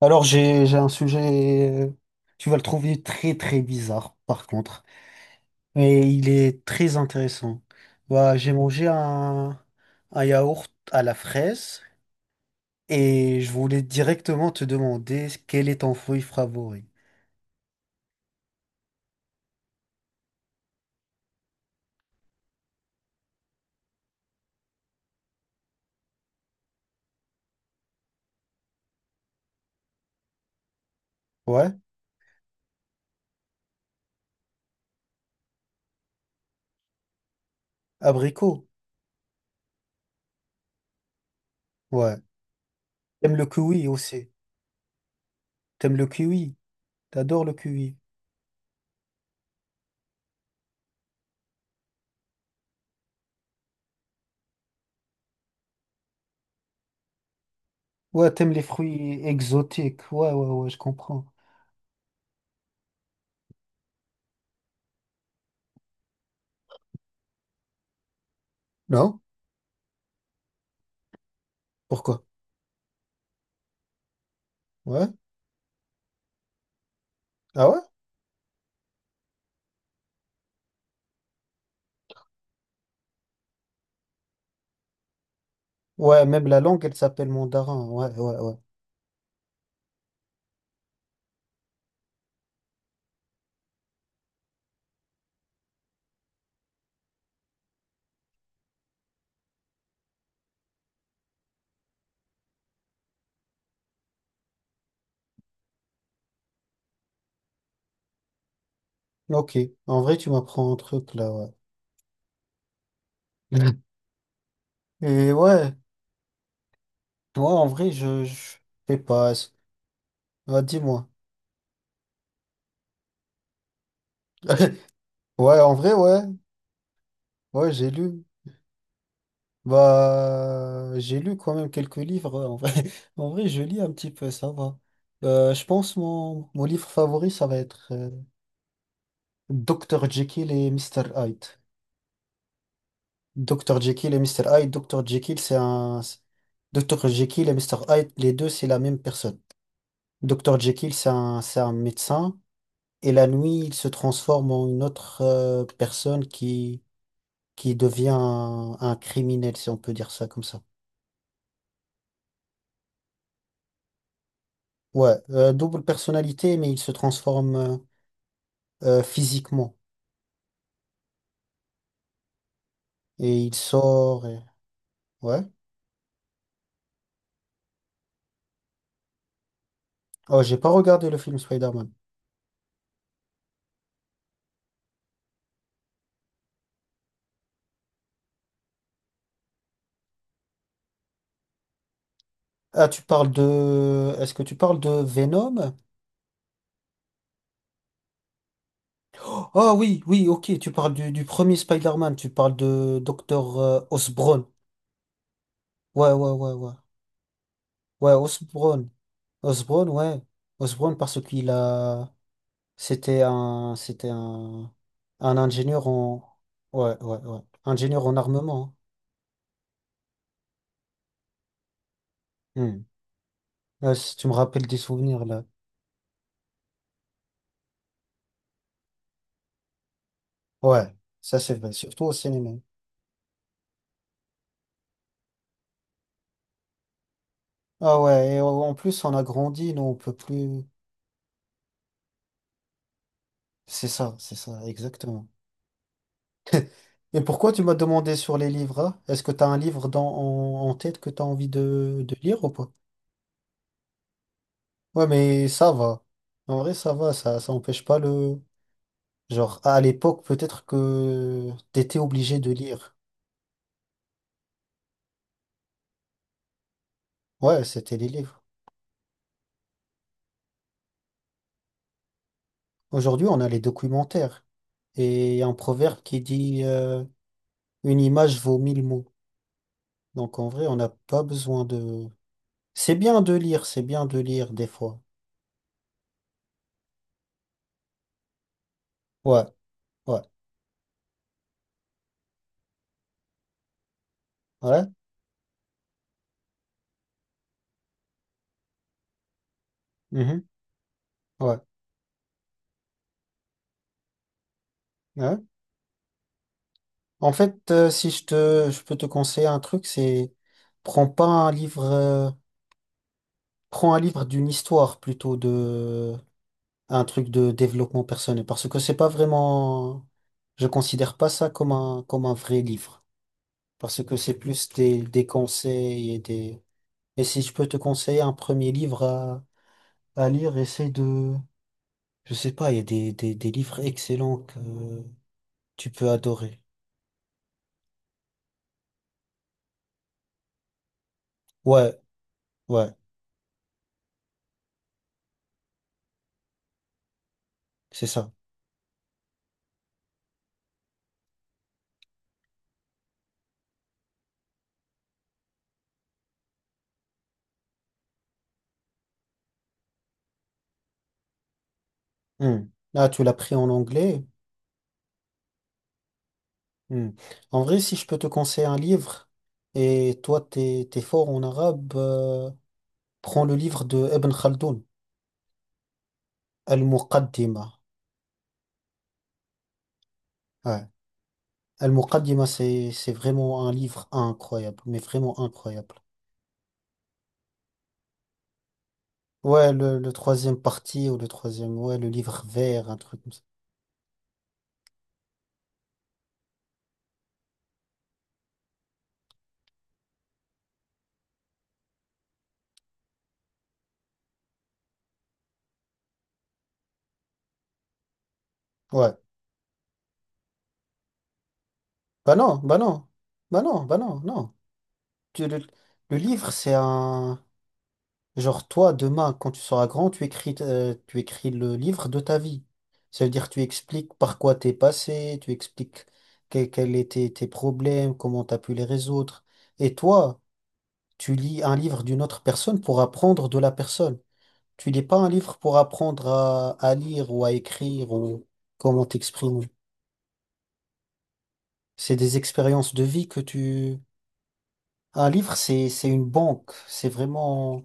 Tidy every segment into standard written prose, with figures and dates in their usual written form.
Alors, j'ai un sujet, tu vas le trouver très très bizarre par contre, mais il est très intéressant. Bah, j'ai mangé un yaourt à la fraise et je voulais directement te demander quel est ton fruit favori. Ouais, abricot. Ouais. T'aimes le kiwi aussi. T'aimes le kiwi. T'adores le kiwi. Ouais, t'aimes les fruits exotiques. Ouais, ouais, ouais, je comprends. Non? Pourquoi? Ouais. Ah ouais? Ouais, même la langue, elle s'appelle mandarin. Ouais, ouais, ouais. Ok, en vrai, tu m'apprends un truc là, ouais. Et ouais, moi en vrai, je sais pas. Ah, dis-moi. Ouais, en vrai, ouais. Ouais, j'ai lu. Bah, j'ai lu quand même quelques livres. Ouais, en vrai, en vrai, je lis un petit peu, ça va. Je pense mon livre favori, ça va être Dr. Jekyll et Mister Hyde. Dr. Jekyll et Mister Hyde. Dr. Jekyll, c'est un. Jekyll et Mister Hyde, les deux, c'est la même personne. Dr. Jekyll, c'est un médecin. Et la nuit, il se transforme en une autre personne qui devient un criminel, si on peut dire ça comme ça. Ouais, double personnalité, mais il se transforme physiquement. Et il sort. Ouais. Oh, j'ai pas regardé le film Spider-Man. Ah, Est-ce que tu parles de Venom? Oh oui, oui, ok, tu parles du premier Spider-Man, tu parles de Docteur Osborn. Ouais, ouais, ouais, ouais. Ouais, Osborn. Osborn, ouais. Osborn parce qu'il a... C'était un ingénieur en, ouais, ouais, ouais, ingénieur en armement. Hein. Hmm. Là, si tu me rappelles des souvenirs là. Ouais, ça c'est vrai, surtout au cinéma. Ah ouais, et en plus on a grandi, nous on peut plus. C'est ça, exactement. Et pourquoi tu m'as demandé sur les livres? Hein. Est-ce que tu as un livre en tête que tu as envie de lire ou pas? Ouais, mais ça va. En vrai, ça va, ça empêche pas le. Genre, à l'époque, peut-être que t'étais obligé de lire. Ouais, c'était les livres. Aujourd'hui, on a les documentaires. Et il y a un proverbe qui dit une image vaut mille mots. Donc en vrai, on n'a pas besoin de... C'est bien de lire, c'est bien de lire des fois. Ouais, ouais, ouais, mhm, ouais, ouais. En fait, si je peux te conseiller un truc, c'est prends pas un livre, prends un livre d'une histoire plutôt de un truc de développement personnel, parce que c'est pas vraiment, je considère pas ça comme un vrai livre. Parce que c'est plus des conseils et des... Et si je peux te conseiller un premier livre à lire, essaie de... Je sais pas, il y a des livres excellents que tu peux adorer. Ouais, ouais, c'est ça. Hmm. Ah, tu l'as pris en anglais. Hmm. En vrai, si je peux te conseiller un livre, et toi, t'es fort en arabe, prends le livre de Ibn Khaldoun, Al-Muqaddimah. Ouais. Al-Muqaddimah, c'est vraiment un livre incroyable, mais vraiment incroyable. Ouais, le troisième parti ou le troisième, ouais, le livre vert, un truc comme ça. Ouais. Bah non, bah non, bah non, bah non, non. Tu- le, le livre, c'est un... Genre, toi, demain, quand tu seras grand, tu écris le livre de ta vie. Ça veut dire, tu expliques par quoi t'es passé, tu expliques quels étaient tes problèmes, comment t'as pu les résoudre. Et toi, tu lis un livre d'une autre personne pour apprendre de la personne. Tu lis pas un livre pour apprendre à lire ou à écrire ou comment t'exprimer. C'est des expériences de vie que tu... Un livre, c'est une banque. C'est vraiment...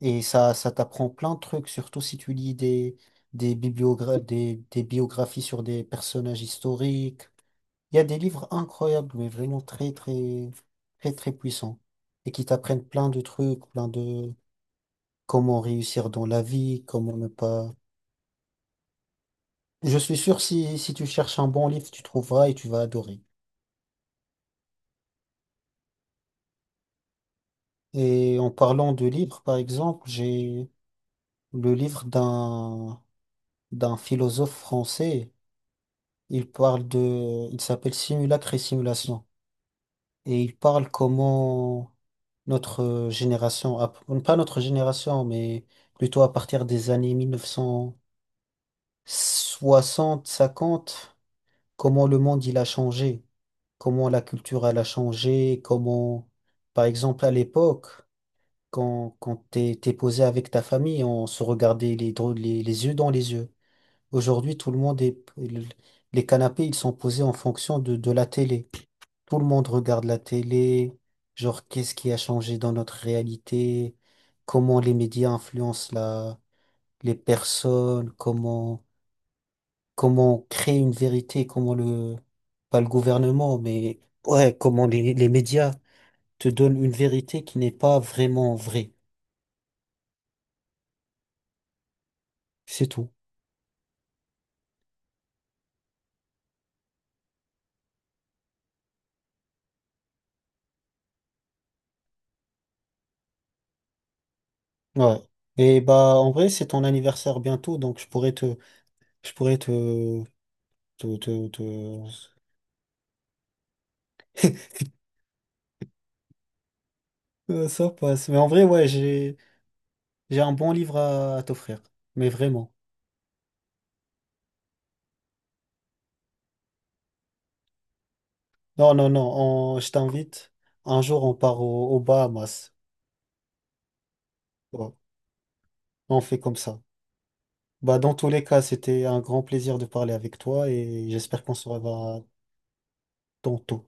Et ça t'apprend plein de trucs, surtout si tu lis des biographies sur des personnages historiques. Il y a des livres incroyables, mais vraiment très, très, très, très puissants. Et qui t'apprennent plein de trucs, plein de comment réussir dans la vie, comment ne pas. Je suis sûr, si tu cherches un bon livre, tu trouveras et tu vas adorer. Et en parlant de livres, par exemple, j'ai le livre d'un d'un philosophe français. Il parle de, il s'appelle Simulacre et Simulation. Et il parle comment notre génération, pas notre génération, mais plutôt à partir des années mille neuf cent soixante cinquante comment le monde il a changé, comment la culture elle a changé, comment, par exemple, à l'époque. Quand t'es posé avec ta famille, on se regardait les yeux dans les yeux. Aujourd'hui, tout le monde est, les canapés, ils sont posés en fonction de la télé. Tout le monde regarde la télé, genre qu'est-ce qui a changé dans notre réalité, comment les médias influencent les personnes, comment créer une vérité, comment pas le gouvernement, mais ouais, comment les médias te donnent une vérité qui n'est pas vraiment vraie. C'est tout. Ouais. Et bah en vrai, c'est ton anniversaire bientôt, donc je pourrais te te, te, te- Ça passe. Mais en vrai, ouais, j'ai un bon livre à t'offrir. Mais vraiment. Non, non, non, je t'invite. Un jour, on part aux Bahamas. Ouais, on fait comme ça. Bah, dans tous les cas, c'était un grand plaisir de parler avec toi et j'espère qu'on se reverra tantôt.